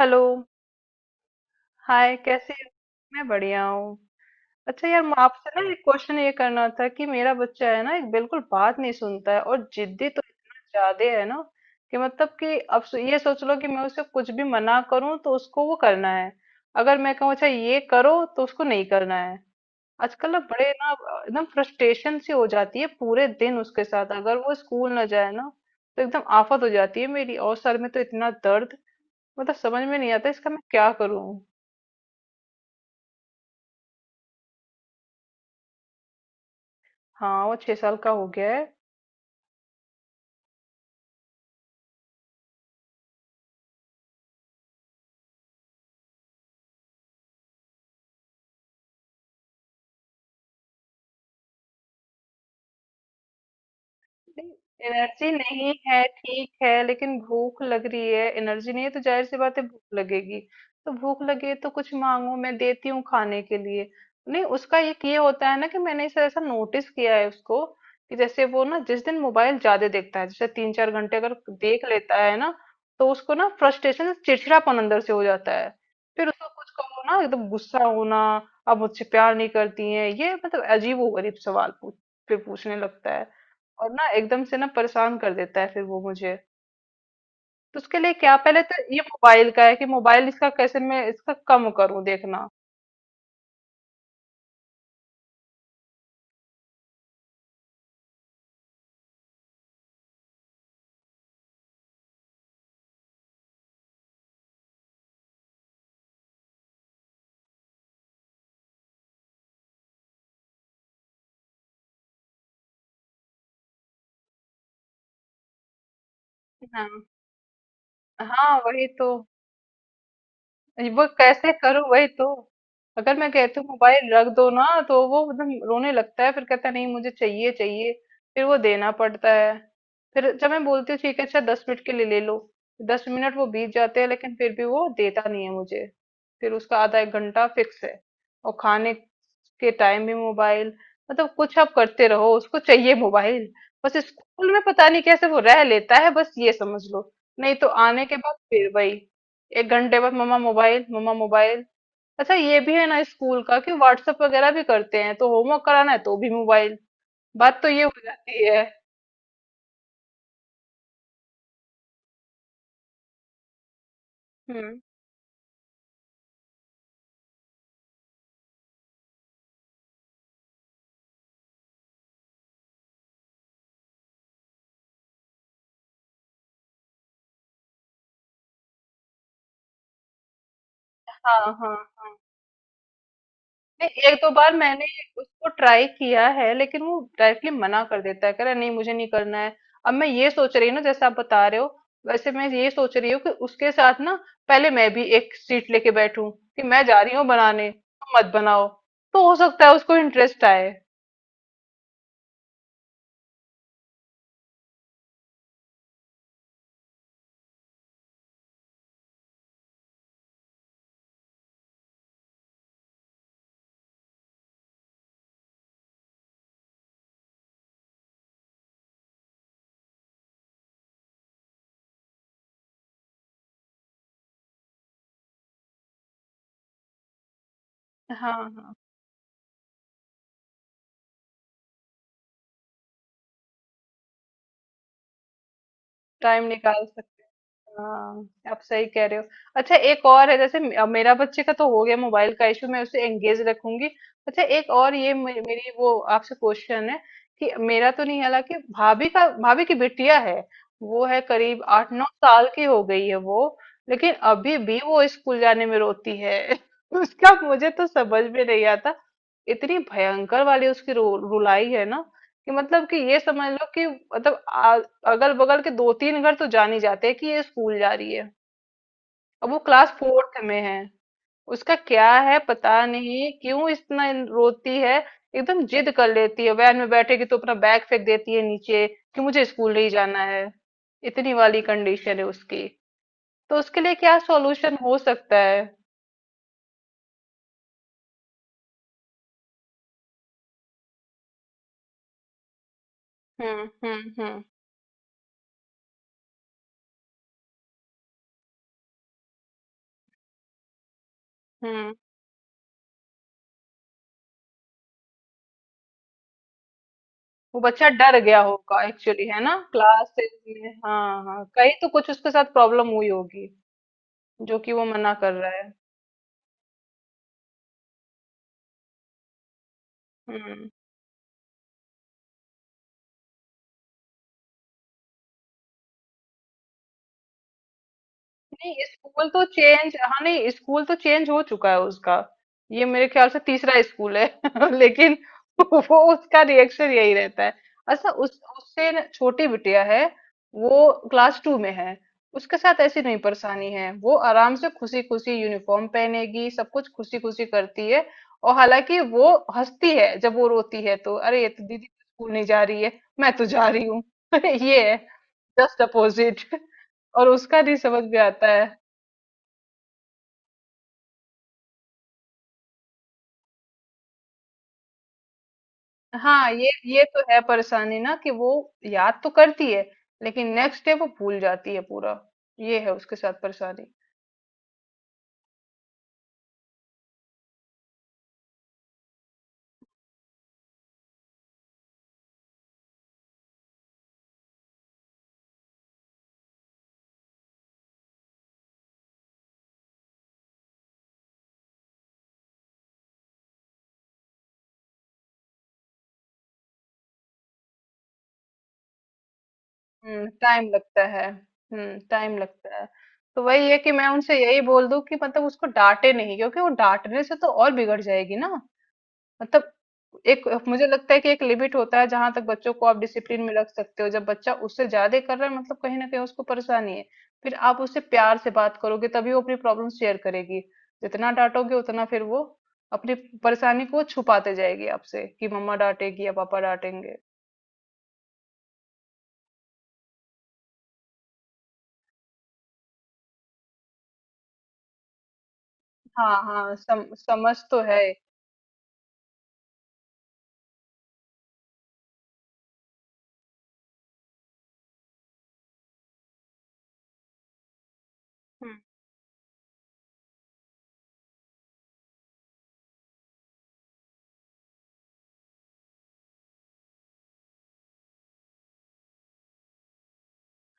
Hello. Hi, कैसे हो? मैं बढ़िया हूँ। अच्छा यार, मैं आपसे ना एक क्वेश्चन ये करना था कि मेरा बच्चा है ना, एक बिल्कुल बात नहीं सुनता है और जिद्दी तो इतना ज्यादा है ना कि मतलब कि अब ये सोच लो कि मैं उसे कुछ भी मना करूँ तो उसको वो करना है। अगर मैं कहूँ अच्छा ये करो तो उसको नहीं करना है। आजकल ना बड़े ना एकदम फ्रस्ट्रेशन सी हो जाती है, पूरे दिन उसके साथ, अगर वो स्कूल ना जाए ना तो एकदम आफत हो जाती है मेरी। और सर में तो इतना दर्द, मतलब समझ में नहीं आता इसका मैं क्या करूँ। हाँ, वो 6 साल का हो गया है। नहीं, एनर्जी नहीं है ठीक है, लेकिन भूख लग रही है। एनर्जी नहीं है तो जाहिर सी बात है भूख लगेगी। तो भूख लगे तो कुछ मांगो, मैं देती हूँ खाने के लिए। नहीं, उसका एक ये होता है ना कि मैंने इसे ऐसा नोटिस किया है उसको कि जैसे वो ना जिस दिन मोबाइल ज्यादा देखता है, जैसे 3 4 घंटे अगर देख लेता है ना, तो उसको ना फ्रस्ट्रेशन, चिड़चिड़ापन अंदर से हो जाता है। फिर उसको कुछ कहो ना एकदम गुस्सा होना। अब मुझसे प्यार नहीं करती है ये, मतलब अजीब गरीब सवाल पूछ, फिर पूछने लगता है। और ना एकदम से ना परेशान कर देता है फिर वो मुझे। तो उसके लिए क्या, पहले तो ये मोबाइल का है कि मोबाइल इसका कैसे मैं इसका कम करूं देखना। हाँ, हाँ वही तो। वो कैसे करूं वही तो। अगर मैं कहती हूँ मोबाइल रख दो ना, तो वो एकदम रोने लगता है। फिर कहता है नहीं, मुझे चाहिए चाहिए। फिर वो देना पड़ता है। फिर जब मैं बोलती हूँ ठीक है, अच्छा 10 मिनट के लिए ले लो। 10 मिनट वो बीत जाते हैं लेकिन फिर भी वो देता नहीं है मुझे। फिर उसका आधा एक घंटा फिक्स है। और खाने के टाइम भी मोबाइल। मतलब कुछ आप करते रहो, उसको चाहिए मोबाइल। बस स्कूल में पता नहीं कैसे वो रह लेता है, बस ये समझ लो। नहीं तो आने के बाद फिर वही, एक घंटे बाद मम्मा मोबाइल, मम्मा मोबाइल। अच्छा ये भी है ना स्कूल का कि व्हाट्सएप वगैरह भी करते हैं, तो होमवर्क कराना है तो भी मोबाइल। बात तो ये हो जाती है। हम्म। हाँ हाँ हाँ। नहीं एक दो बार मैंने उसको ट्राई किया है लेकिन वो डायरेक्टली मना कर देता है, कह रहा है, नहीं मुझे नहीं करना है। अब मैं ये सोच रही हूँ ना, जैसे आप बता रहे हो वैसे, मैं ये सोच रही हूँ कि उसके साथ ना पहले मैं भी एक सीट लेके बैठूं कि मैं जा रही हूँ बनाने, तुम मत बनाओ। तो हो सकता है उसको इंटरेस्ट आए। हाँ हाँ, टाइम निकाल सकते हैं, हाँ आप सही कह रहे हो। अच्छा एक और है, जैसे अब मेरा बच्चे का तो हो गया मोबाइल का इशू, मैं उसे एंगेज रखूंगी। अच्छा एक और ये मेरी वो आपसे क्वेश्चन है कि मेरा तो नहीं हालांकि, भाभी का, भाभी की बिटिया है। वो है करीब 8 9 साल की हो गई है वो, लेकिन अभी भी वो स्कूल जाने में रोती है। उसका मुझे तो समझ में नहीं आता। इतनी भयंकर वाली उसकी रुलाई है ना कि मतलब कि ये समझ लो कि मतलब अगल बगल के 2 3 घर तो जान ही जाते हैं कि ये स्कूल जा रही है। अब वो क्लास फोर्थ में है। उसका क्या है पता नहीं क्यों इतना रोती है। एकदम जिद कर लेती है, वैन में बैठेगी तो अपना बैग फेंक देती है नीचे कि मुझे स्कूल नहीं जाना है। इतनी वाली कंडीशन है उसकी। तो उसके लिए क्या सॉल्यूशन हो सकता है। हम्म हम्म हम्म हम्म। वो बच्चा डर गया होगा एक्चुअली, है ना, क्लास में, हाँ हाँ, कहीं तो कुछ उसके साथ प्रॉब्लम हुई होगी, जो कि वो मना कर रहा है। हम्म। नहीं स्कूल तो चेंज हाँ नहीं, स्कूल तो चेंज हो चुका है उसका। ये मेरे ख्याल से तीसरा स्कूल है लेकिन वो उसका रिएक्शन यही रहता है। अच्छा उस उससे छोटी बिटिया है, वो क्लास 2 में है। उसके साथ ऐसी नहीं परेशानी है, वो आराम से खुशी खुशी यूनिफॉर्म पहनेगी, सब कुछ खुशी खुशी करती है। और हालांकि वो हंसती है जब वो रोती है तो, अरे ये तो दीदी तो स्कूल नहीं जा रही है, मैं तो जा रही हूँ। ये है, जस्ट अपोजिट। और उसका नहीं समझ में आता है। हाँ ये तो है परेशानी ना कि वो याद तो करती है लेकिन नेक्स्ट डे वो भूल जाती है पूरा। ये है उसके साथ परेशानी। टाइम लगता है। टाइम लगता है। तो वही है कि मैं उनसे यही बोल दूं कि मतलब उसको डांटे नहीं, क्योंकि वो डांटने से तो और बिगड़ जाएगी ना। मतलब एक, मुझे लगता है कि एक लिमिट होता है जहां तक बच्चों को आप डिसिप्लिन में रख सकते हो। जब बच्चा उससे ज्यादा कर रहा है मतलब कहीं ना कहीं उसको परेशानी है। फिर आप उससे प्यार से बात करोगे तभी वो अपनी प्रॉब्लम शेयर करेगी। जितना डांटोगे उतना फिर वो अपनी परेशानी को छुपाते जाएगी आपसे कि मम्मा डांटेगी या पापा डांटेंगे। हाँ हाँ, समझ तो है।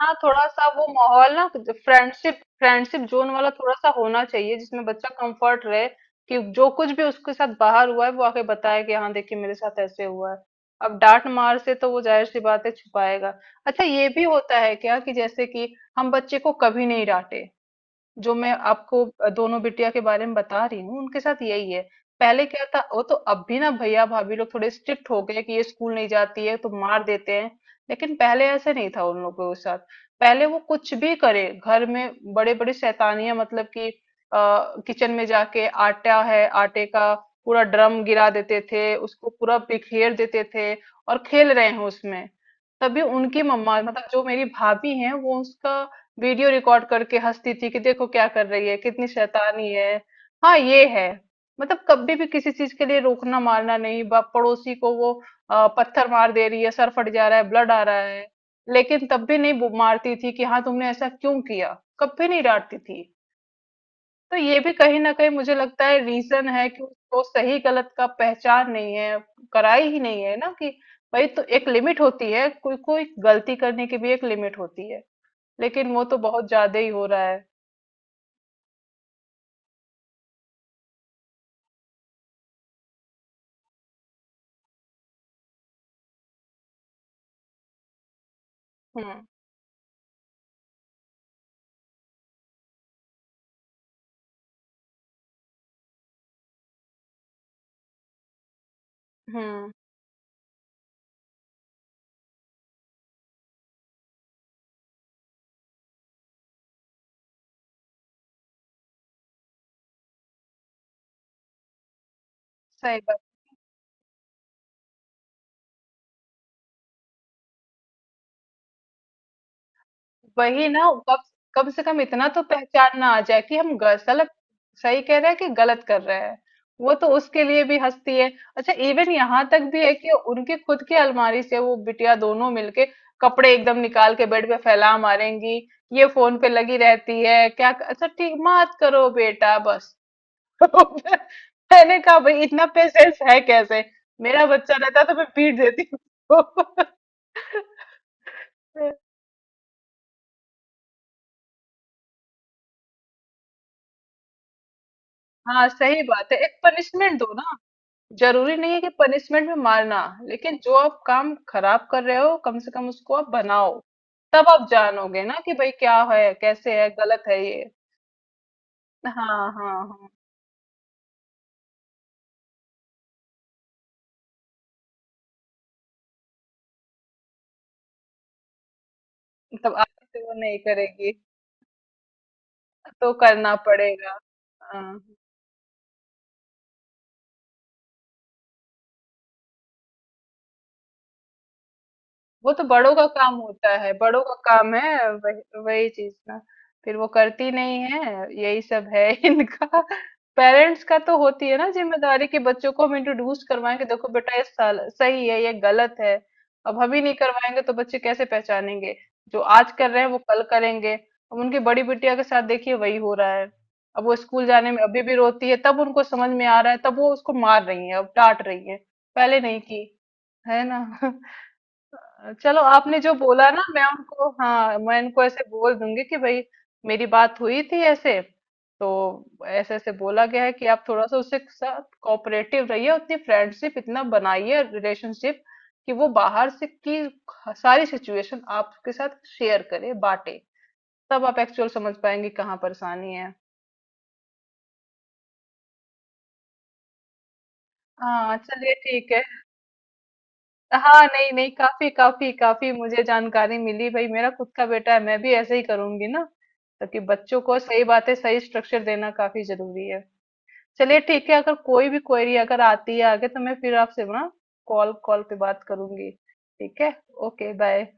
हाँ, थोड़ा-सा वो माहौल ना फ्रेंडशिप फ्रेंडशिप जोन वाला थोड़ा-सा होना चाहिए जिसमें बच्चा कंफर्ट रहे, कि जो कुछ भी उसके साथ बाहर हुआ है वो आके बताए कि हाँ देखिए मेरे साथ ऐसे हुआ है। अब डांट मार से तो वो जाहिर सी बात है छुपाएगा। अच्छा ये भी होता है क्या कि जैसे कि हम बच्चे को कभी नहीं डांटे, जो मैं आपको दोनों बिटिया के बारे में बता रही हूँ उनके साथ यही है। पहले क्या था, वो तो अब भी ना भैया भाभी लोग थोड़े स्ट्रिक्ट हो गए कि ये स्कूल नहीं जाती है तो मार देते हैं। लेकिन पहले ऐसे नहीं था उन लोगों के साथ। पहले वो कुछ भी करे, घर में बड़े बड़े शैतानियां, मतलब कि किचन में जाके आटा है, आटे का पूरा ड्रम गिरा देते थे, उसको पूरा बिखेर देते थे और खेल रहे हैं उसमें। तभी उनकी मम्मा, मतलब जो मेरी भाभी हैं, वो उसका वीडियो रिकॉर्ड करके हंसती थी कि देखो क्या कर रही है, कितनी शैतानी है। हाँ ये है। मतलब कभी भी किसी चीज के लिए रोकना मारना नहीं, बाप पड़ोसी को वो पत्थर मार दे रही है, सर फट जा रहा है, ब्लड आ रहा है। लेकिन तब भी नहीं मारती थी कि हाँ तुमने ऐसा क्यों किया, कभी नहीं डांटती थी। तो ये भी कहीं ना कहीं मुझे लगता है रीजन है कि उसको सही गलत का पहचान नहीं है, कराई ही नहीं है ना कि भाई तो एक लिमिट होती है, कोई कोई गलती करने की भी एक लिमिट होती है। लेकिन वो तो बहुत ज्यादा ही हो रहा है। हम्म हम्म। सही बात। वही ना, कम कम से कम इतना तो पहचान ना आ जाए कि हम गलत सही कह रहे हैं कि गलत कर रहे हैं। वो तो उसके लिए भी हंसती है। अच्छा इवन यहाँ तक भी है कि उनके खुद की अलमारी से वो बिटिया दोनों मिलके कपड़े एकदम निकाल के बेड पे फैला मारेंगी। ये फोन पे लगी रहती है क्या, अच्छा ठीक मत करो बेटा बस। मैंने कहा भाई इतना पेशेंस है कैसे, मेरा बच्चा रहता तो मैं पीट देती उसको। हाँ सही बात है, एक पनिशमेंट दो ना, जरूरी नहीं है कि पनिशमेंट में मारना, लेकिन जो आप काम खराब कर रहे हो कम से कम उसको आप बनाओ। तब आप जानोगे ना कि भाई क्या है कैसे है, गलत है ये। हाँ हाँ हाँ। तब आगे से वो नहीं करेगी, तो करना पड़ेगा। हाँ। वो तो बड़ों का काम होता है, बड़ों का काम है, वही वही चीज ना। फिर वो करती नहीं है, यही सब है इनका। पेरेंट्स का तो होती है ना जिम्मेदारी कि बच्चों को हम इंट्रोड्यूस करवाएं कि देखो बेटा ये सही है ये गलत है। अब हम ही नहीं करवाएंगे तो बच्चे कैसे पहचानेंगे। जो आज कर रहे हैं वो कल करेंगे। अब उनकी बड़ी बिटिया के साथ देखिए वही हो रहा है। अब वो स्कूल जाने में अभी भी रोती है, तब उनको समझ में आ रहा है, तब वो उसको मार रही है, अब डांट रही है। पहले नहीं की, है ना। चलो आपने जो बोला ना मैं उनको, हाँ मैं इनको ऐसे बोल दूंगी कि भाई मेरी बात हुई थी ऐसे, तो ऐसे ऐसे बोला गया है कि आप थोड़ा सा उसके साथ कोऑपरेटिव रहिए, उतनी फ्रेंडशिप, इतना बनाइए रिलेशनशिप कि वो बाहर से की सारी सिचुएशन आपके साथ शेयर करे बांटे। तब आप एक्चुअल समझ पाएंगे कहाँ परेशानी है। हाँ चलिए, ठीक है। हाँ नहीं नहीं, काफी काफी काफी मुझे जानकारी मिली। भाई मेरा खुद का बेटा है, मैं भी ऐसे ही करूंगी ना ताकि बच्चों को सही बातें सही स्ट्रक्चर देना, काफी जरूरी है। चलिए ठीक है, अगर कोई भी क्वेरी अगर आती है आगे तो मैं फिर आपसे ना कॉल कॉल पे बात करूंगी। ठीक है। Okay, bye.